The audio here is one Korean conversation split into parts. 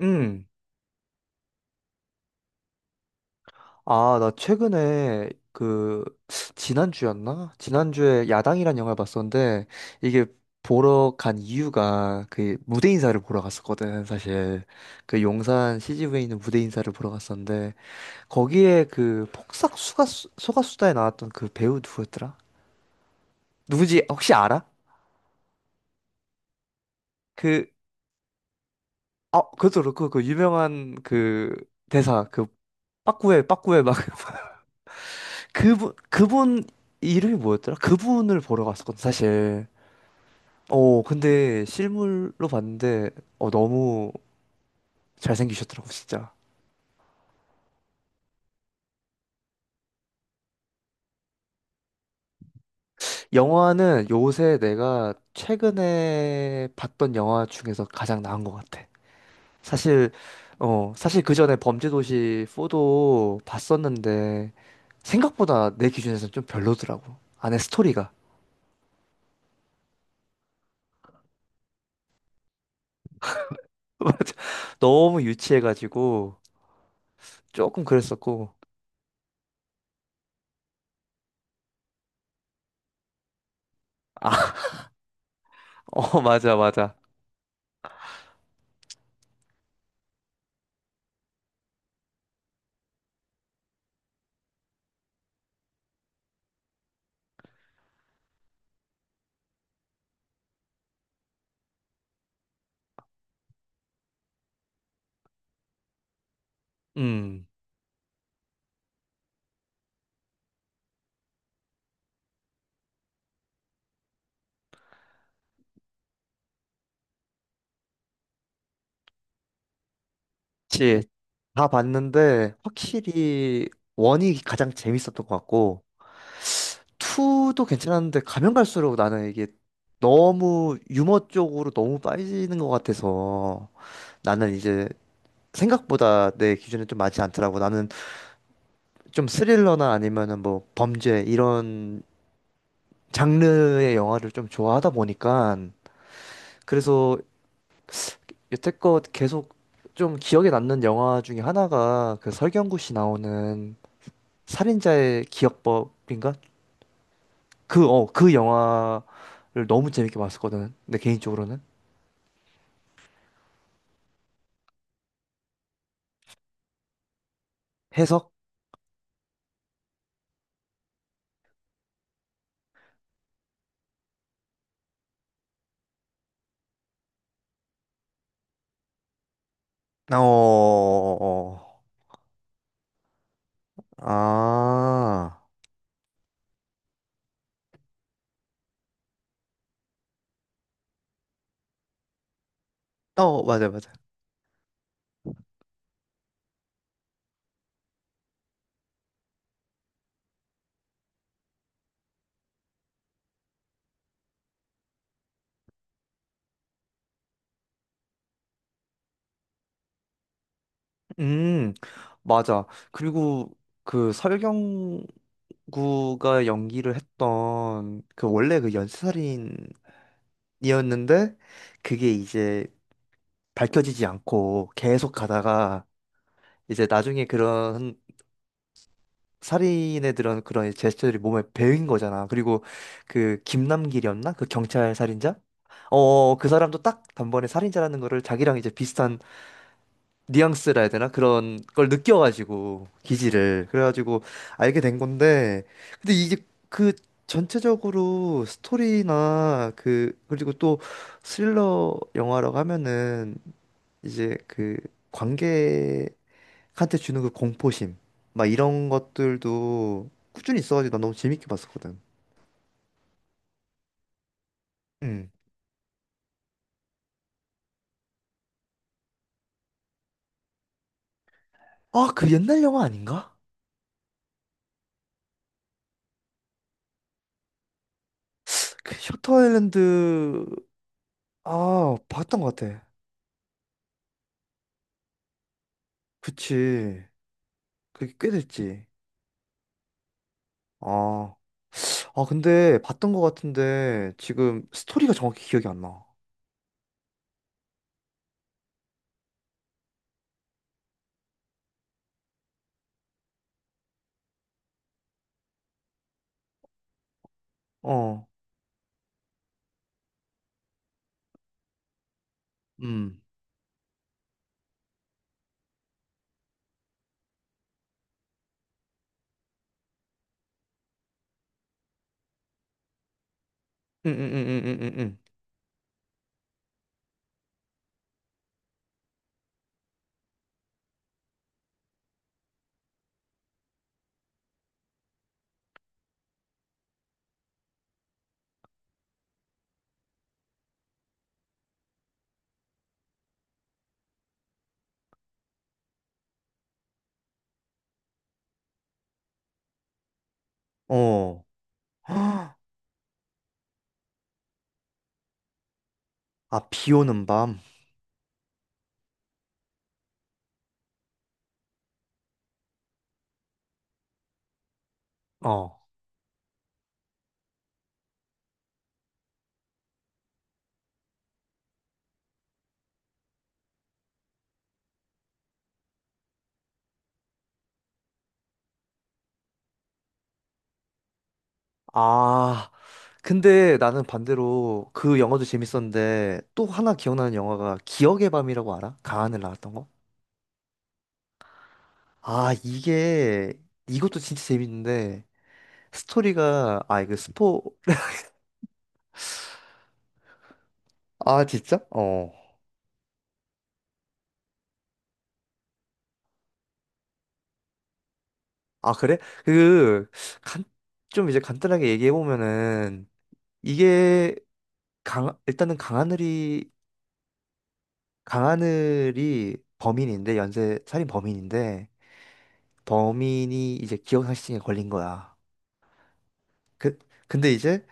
음. 아, 나 최근에 그 지난주였나? 지난주에 야당이란 영화를 봤었는데 이게 보러 간 이유가 그 무대 인사를 보러 갔었거든, 사실. 그 용산 CGV에 있는 무대 인사를 보러 갔었는데 거기에 그 폭싹 소가수, 소가수다에 나왔던 그 배우 누구였더라? 누구지? 혹시 알아? 그 아, 그것도 그렇고 그 유명한 그 대사 그 빠꾸에 막 그분, 이름이 뭐였더라? 그분을 보러 갔었거든, 사실. 어, 근데 실물로 봤는데, 어, 너무 잘생기셨더라고, 진짜. 영화는 요새 내가 최근에 봤던 영화 중에서 가장 나은 것 같아. 사실, 어, 사실 그 전에 범죄도시 4도 봤었는데, 생각보다 내 기준에서는 좀 별로더라고. 안에 스토리가. 맞아. 너무 유치해가지고, 조금 그랬었고. 아, 어, 맞아, 맞아. 음, 그치. 다 봤는데 확실히 원이 가장 재밌었던 것 같고 투도 괜찮았는데 가면 갈수록 나는 이게 너무 유머 쪽으로 너무 빠지는 것 같아서 나는 이제 생각보다 내 기준에 좀 맞지 않더라고. 나는 좀 스릴러나 아니면은 뭐 범죄 이런 장르의 영화를 좀 좋아하다 보니까 그래서 여태껏 계속 좀 기억에 남는 영화 중에 하나가 그 설경구 씨 나오는 살인자의 기억법인가? 그, 어, 그 영화를 너무 재밌게 봤었거든. 내 개인적으로는. 해석? 어, 어, 어. 아, 어, 맞아, 맞아. 음, 맞아. 그리고 그 설경구가 연기를 했던 그 원래 그 연쇄살인이었는데 그게 이제 밝혀지지 않고 계속 가다가 이제 나중에 그런 살인에 들은 그런 제스처들이 몸에 배인 거잖아. 그리고 그 김남길이었나? 그 경찰 살인자? 어, 그 사람도 딱 단번에 살인자라는 거를 자기랑 이제 비슷한 뉘앙스라 해야 되나? 그런 걸 느껴가지고, 기질을. 그래가지고 알게 된 건데, 근데 이게 그 전체적으로 스토리나 그, 그리고 또 스릴러 영화라고 하면은 이제 그 관계 한테 주는 그 공포심 막 이런 것들도 꾸준히 있어가지고 난 너무 재밌게 봤었거든. 음. 아, 그 옛날 영화 아닌가? 그 셔터 아일랜드 아, 봤던 것 같아. 그치. 그게 꽤 됐지. 아, 아 근데 봤던 것 같은데 지금 스토리가 정확히 기억이 안 나. 어. 음. 응응응응응응. 어. 아, 비 오는 밤. 어. 아, 근데 나는 반대로 그 영화도 재밌었는데 또 하나 기억나는 영화가 기억의 밤이라고 알아? 강하늘 나왔던 거? 아, 이게 이것도 진짜 재밌는데 스토리가 아, 이거 스포 아, 진짜? 어. 아, 그래? 그 간 좀 이제 간단하게 얘기해 보면은 이게 강 일단은 강하늘이 범인인데 연쇄 살인 범인인데 범인이 이제 기억상실증에 걸린 거야. 그, 근데 이제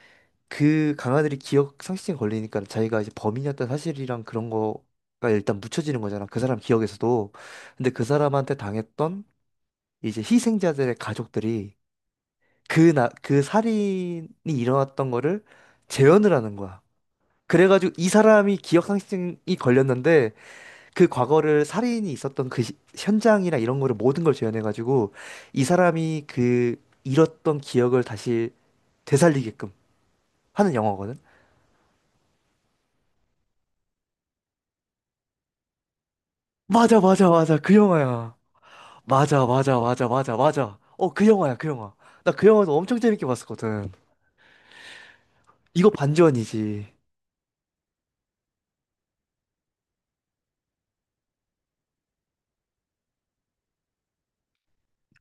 그 강아들이 기억 상실증 걸리니까 자기가 이제 범인이었던 사실이랑 그런 거가 일단 묻혀지는 거잖아. 그 사람 기억에서도. 근데 그 사람한테 당했던 이제 희생자들의 가족들이 그 나, 그 살인이 일어났던 거를 재현을 하는 거야. 그래가지고 이 사람이 기억 상실증이 걸렸는데 그 과거를 살인이 있었던 그 시- 현장이나 이런 거를 모든 걸 재현해가지고 이 사람이 그 잃었던 기억을 다시 되살리게끔 하는 영화거든. 맞아, 맞아, 맞아. 그 영화야. 맞아, 맞아, 맞아, 맞아, 맞아. 어, 그 영화야, 그 영화. 나 그 영화도 엄청 재밌게 봤었거든. 이거 반전이지.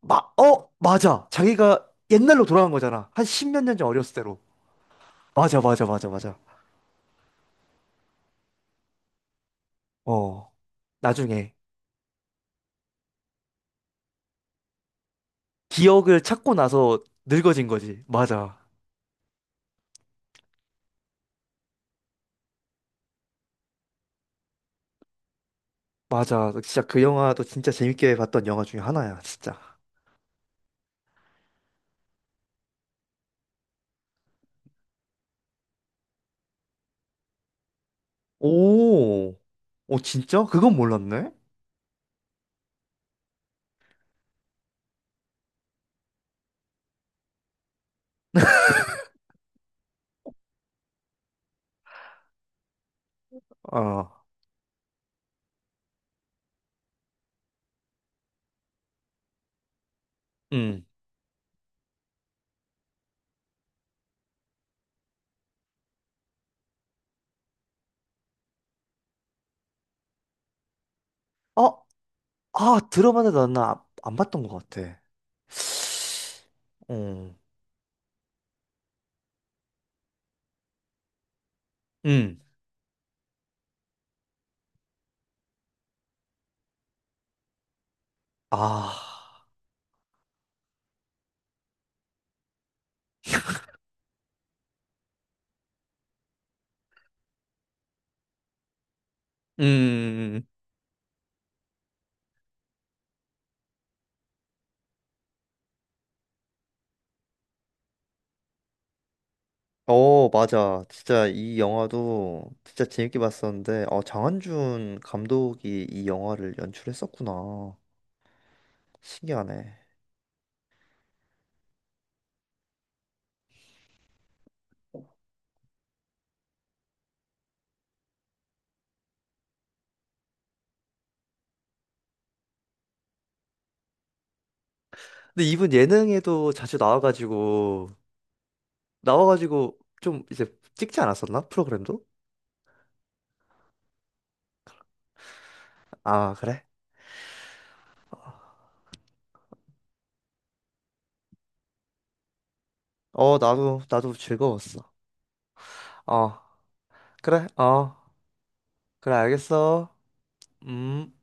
마, 어, 맞아. 자기가 옛날로 돌아간 거잖아. 한 십몇 년 전 어렸을 때로. 맞아, 맞아, 맞아, 맞아. 어, 나중에 기억을 찾고 나서 늙어진 거지. 맞아. 맞아. 진짜 그 영화도 진짜 재밌게 봤던 영화 중에 하나야, 진짜. 오, 오, 진짜? 그건 몰랐네? 아, 응 어, 아, 들어봤는데 나는 아- 안 봤던 것 같아. 어, 음. 아, 음. 어, 맞아. 진짜 이 영화도 진짜 재밌게 봤었는데, 어, 장한준 감독이 이 영화를 연출했었구나. 신기하네. 근데 이분 예능에도 자주 나와가지고, 나와가지고 좀 이제 찍지 않았었나? 프로그램도? 아, 그래? 어, 나도, 즐거웠어. 어, 그래? 어, 그래, 알겠어. 음.